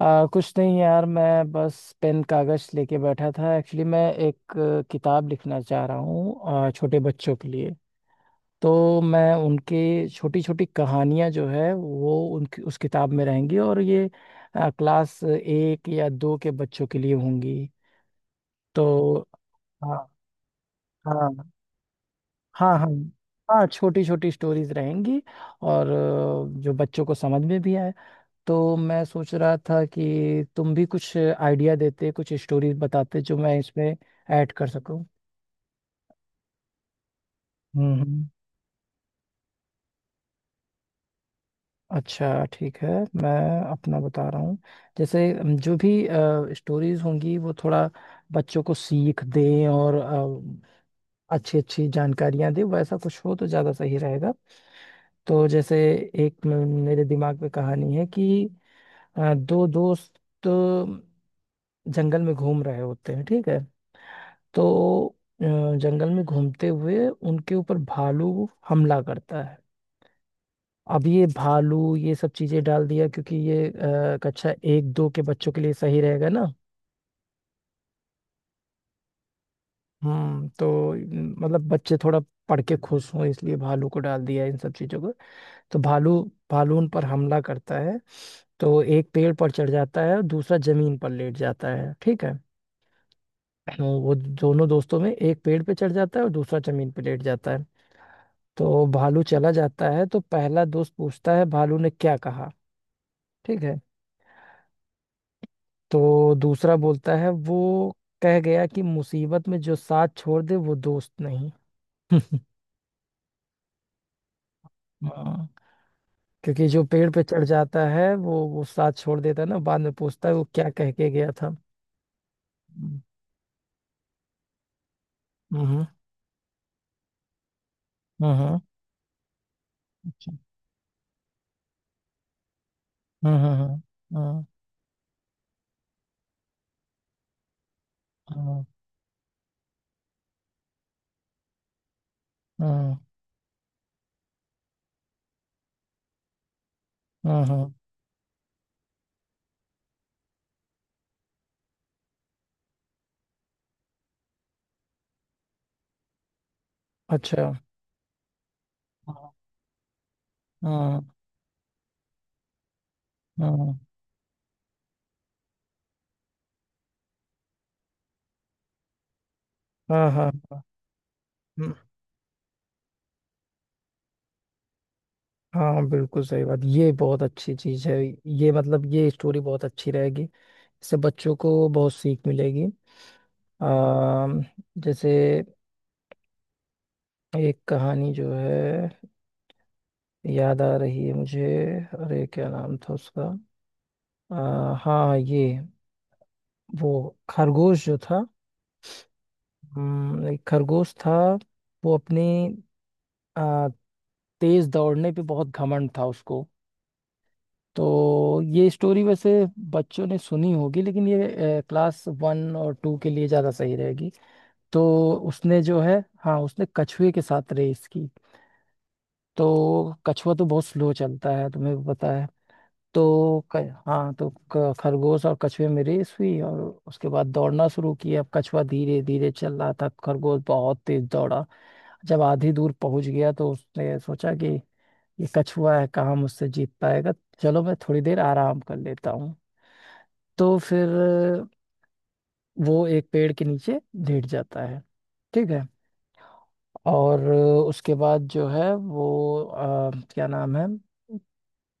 कुछ नहीं यार, मैं बस पेन कागज लेके बैठा था। एक्चुअली मैं एक किताब लिखना चाह रहा हूँ छोटे बच्चों के लिए। तो मैं उनके छोटी छोटी कहानियाँ जो है वो उनकी उस किताब में रहेंगी, और ये क्लास एक या दो के बच्चों के लिए होंगी। तो हाँ, हाँ, हाँ, हाँ, हाँ, छोटी छोटी स्टोरीज रहेंगी। और जो बच्चों को समझ में भी आए। तो मैं सोच रहा था कि तुम भी कुछ आइडिया देते, कुछ स्टोरीज बताते जो मैं इसमें ऐड कर सकूं। हम्म। हम्म। अच्छा, ठीक है। मैं अपना बता रहा हूँ। जैसे जो भी स्टोरीज होंगी वो थोड़ा बच्चों को सीख दें, और अच्छी अच्छी जानकारियां दें, वैसा कुछ हो तो ज़्यादा सही रहेगा। तो जैसे एक मेरे दिमाग में कहानी है कि दो दोस्त जंगल में घूम रहे होते हैं, ठीक है। तो अ, जंगल में घूमते हुए उनके ऊपर भालू हमला करता है। अब ये भालू ये सब चीजें डाल दिया क्योंकि ये कक्षा एक दो के बच्चों के लिए सही रहेगा ना। तो मतलब बच्चे थोड़ा पढ़ के खुश हों, इसलिए भालू को डाल दिया है, इन सब चीजों को। तो भालू भालू उन पर हमला करता है। तो एक पेड़ पर चढ़ जाता है और दूसरा जमीन पर लेट जाता है, ठीक है। तो वो दोनों दोस्तों में एक पेड़ पे चढ़ जाता है और दूसरा जमीन पे लेट जाता है। तो भालू चला जाता है, तो पहला दोस्त पूछता है, भालू ने क्या कहा, ठीक है। तो दूसरा बोलता है, वो कह गया कि मुसीबत में जो साथ छोड़ दे वो दोस्त नहीं। हाँ, क्योंकि जो पेड़ पे चढ़ जाता है वो साथ छोड़ देता है ना, बाद में पूछता है वो क्या कह के गया था। हम्म। हम्म। हम्म। अच्छा। हम्म। हम्म। हम्म। हम्म। हम्म। हम्म। अच्छा। हम्म। हम्म। हाँ, हाँ, हाँ, हाँ बिल्कुल सही बात, ये बहुत अच्छी चीज है। ये मतलब ये स्टोरी बहुत अच्छी रहेगी, इससे बच्चों को बहुत सीख मिलेगी। आ, जैसे एक कहानी जो है याद आ रही है मुझे। अरे क्या नाम था उसका, हाँ, ये वो खरगोश जो था। एक खरगोश था। वो अपनी आ, तेज दौड़ने पे बहुत घमंड था उसको। तो ये स्टोरी वैसे बच्चों ने सुनी होगी, लेकिन ये क्लास वन और टू के लिए ज़्यादा सही रहेगी। तो उसने जो है, हाँ, उसने कछुए के साथ रेस की। तो कछुआ तो बहुत स्लो चलता है, तुम्हें भी पता है। तो हाँ तो खरगोश और कछुए में रेस हुई, और उसके बाद दौड़ना शुरू किया। अब कछुआ धीरे धीरे चल रहा था, खरगोश बहुत तेज दौड़ा। जब आधी दूर पहुंच गया तो उसने सोचा कि ये कछुआ है कहाँ मुझसे जीत पाएगा, चलो मैं थोड़ी देर आराम कर लेता हूँ। तो फिर वो एक पेड़ के नीचे लेट जाता है, ठीक है। और उसके बाद जो है वो क्या नाम है,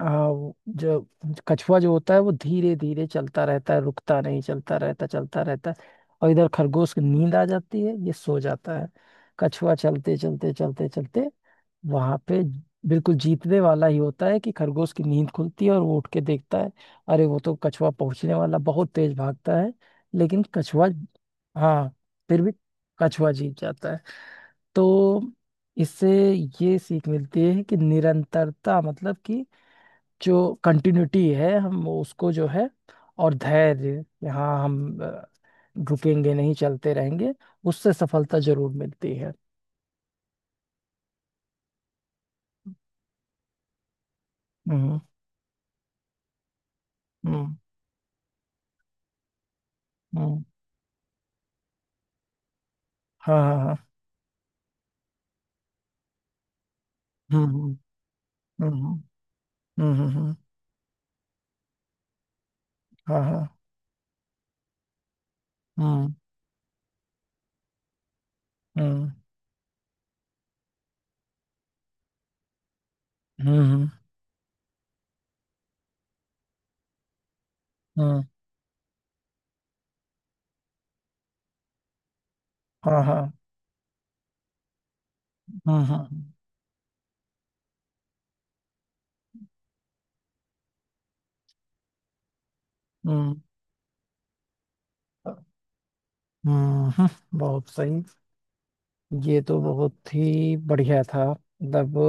हाँ वो जो कछुआ जो होता है वो धीरे धीरे चलता रहता है, रुकता नहीं, चलता रहता चलता रहता है। और इधर खरगोश की नींद आ जाती है, ये सो जाता है। कछुआ चलते चलते चलते चलते वहां पे बिल्कुल जीतने वाला ही होता है कि खरगोश की नींद खुलती है और वो उठ के देखता है, अरे वो तो कछुआ पहुंचने वाला, बहुत तेज भागता है। लेकिन कछुआ, हाँ, फिर भी कछुआ जीत जाता है। तो इससे ये सीख मिलती है कि निरंतरता, मतलब कि जो कंटिन्यूटी है हम उसको जो है और धैर्य, यहाँ हम रुकेंगे नहीं, चलते रहेंगे, उससे सफलता जरूर मिलती है। हम्म। हम्म। हम्म। हाँ, हाँ, हाँ। हम्म। हम्म। हम्म। हम्म। हम्म। हाँ, हाँ। हम्म। हम्म। हम्म। हम्म, हाँ, हाँ। हम्म। हम्म। हम्म। हम्म। बहुत सही। ये तो बहुत ही बढ़िया था, मतलब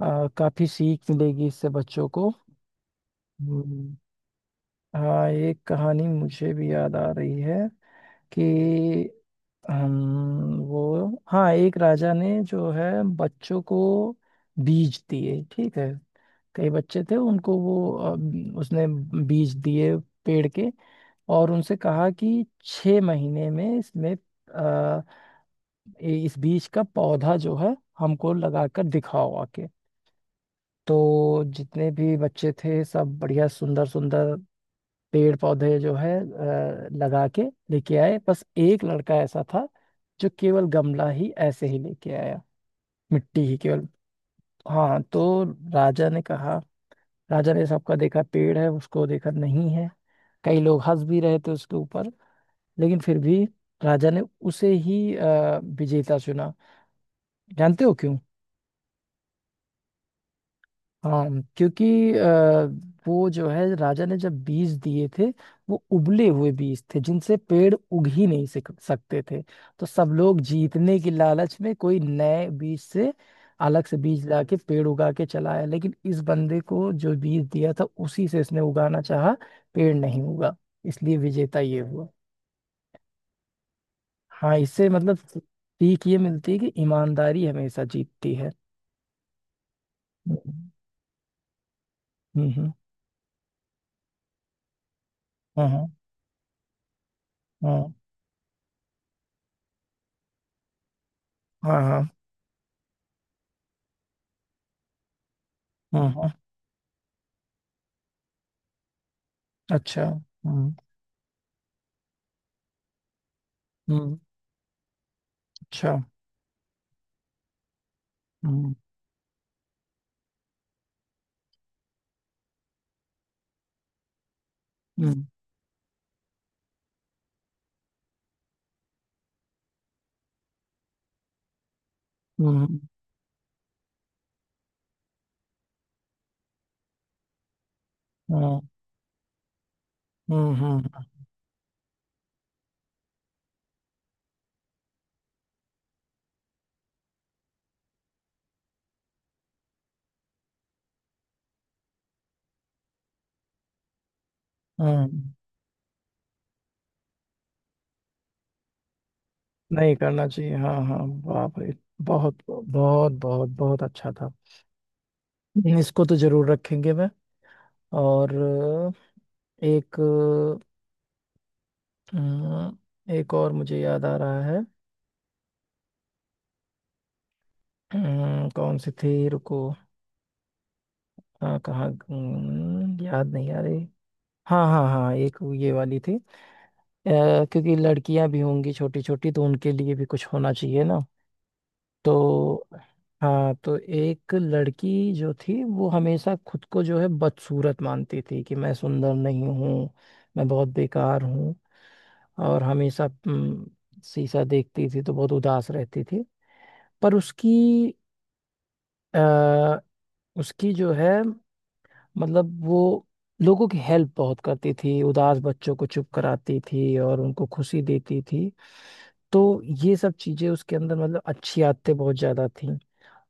काफी सीख मिलेगी इससे बच्चों को। हम्म। हाँ, ये कहानी मुझे भी याद आ रही है कि हम वो हाँ, एक राजा ने जो है बच्चों को बीज दिए, ठीक है। कई बच्चे थे, उनको वो उसने बीज दिए, पेड़ के। और उनसे कहा कि 6 महीने में इसमें अ, इस बीज का पौधा जो है हमको लगाकर दिखाओ आके। तो जितने भी बच्चे थे, सब बढ़िया सुंदर सुंदर पेड़ पौधे जो है लगा के लेके आए। बस एक लड़का ऐसा था जो केवल गमला ही ऐसे ही लेके आया, मिट्टी ही केवल। हाँ तो राजा ने कहा, राजा ने सबका देखा, पेड़ है उसको देखा नहीं है, कई लोग हंस भी रहे थे उसके ऊपर। लेकिन फिर भी राजा ने उसे ही विजेता चुना। जानते हो क्यों? हाँ, क्योंकि वो जो है राजा ने जब बीज दिए थे, वो उबले हुए बीज थे जिनसे पेड़ उग ही नहीं सकते थे। तो सब लोग जीतने की लालच में कोई नए बीज से, अलग से बीज ला के पेड़ उगा के चलाया, लेकिन इस बंदे को जो बीज दिया था उसी से इसने उगाना चाहा। पेड़ नहीं उगा, इसलिए विजेता ये हुआ। हाँ इससे मतलब सीख ये मिलती है कि ईमानदारी हमेशा जीतती है। हम्म। हम्म। हम्म। हम्म, हाँ, हाँ, हाँ, हाँ, हाँ, हाँ। अच्छा। हम्म। हम्म। अच्छा। हम्म। हम्म। हम्म। हम्म। हम्म। हम्म। नहीं करना चाहिए, हाँ, हाँ, बाप रे, बहुत बहुत बहुत बहुत अच्छा था। इसको तो जरूर रखेंगे मैं। और एक एक और मुझे याद आ रहा है। कौन सी थी, रुको। हाँ कहाँ, याद नहीं आ रही। हाँ, हाँ, हाँ, एक ये वाली थी। अ, क्योंकि लड़कियां भी होंगी छोटी छोटी, तो उनके लिए भी कुछ होना चाहिए ना। तो हाँ, तो एक लड़की जो थी वो हमेशा खुद को जो है बदसूरत मानती थी, कि मैं सुंदर नहीं हूँ, मैं बहुत बेकार हूँ। और हमेशा शीशा देखती थी तो बहुत उदास रहती थी। पर आ, उसकी जो है मतलब वो लोगों की हेल्प बहुत करती थी, उदास बच्चों को चुप कराती थी और उनको खुशी देती थी। तो ये सब चीजें उसके अंदर, मतलब अच्छी आदतें बहुत ज्यादा थी।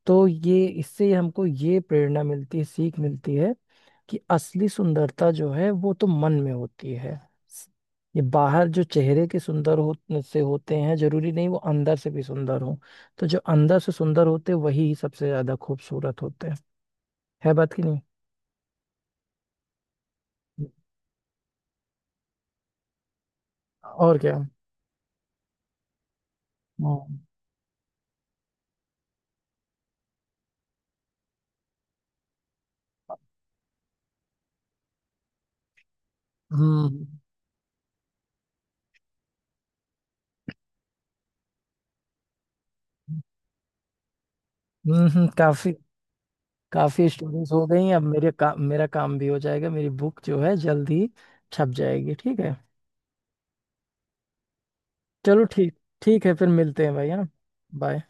तो ये इससे हमको ये प्रेरणा मिलती है, सीख मिलती है कि असली सुंदरता जो है वो तो मन में होती है। ये बाहर जो चेहरे के सुंदर हो से होते हैं, जरूरी नहीं वो अंदर से भी सुंदर हो। तो जो अंदर से सुंदर होते हैं, वही सबसे ज्यादा खूबसूरत होते हैं। है बात कि नहीं? और क्या। हम्म। हम्म। काफी। काफी स्टोरीज हो गई, अब मेरे मेरा काम भी हो जाएगा, मेरी बुक जो है जल्द ही छप जाएगी, ठीक है। चलो, ठीक। ठीक है फिर, मिलते हैं भाई, है ना। बाय।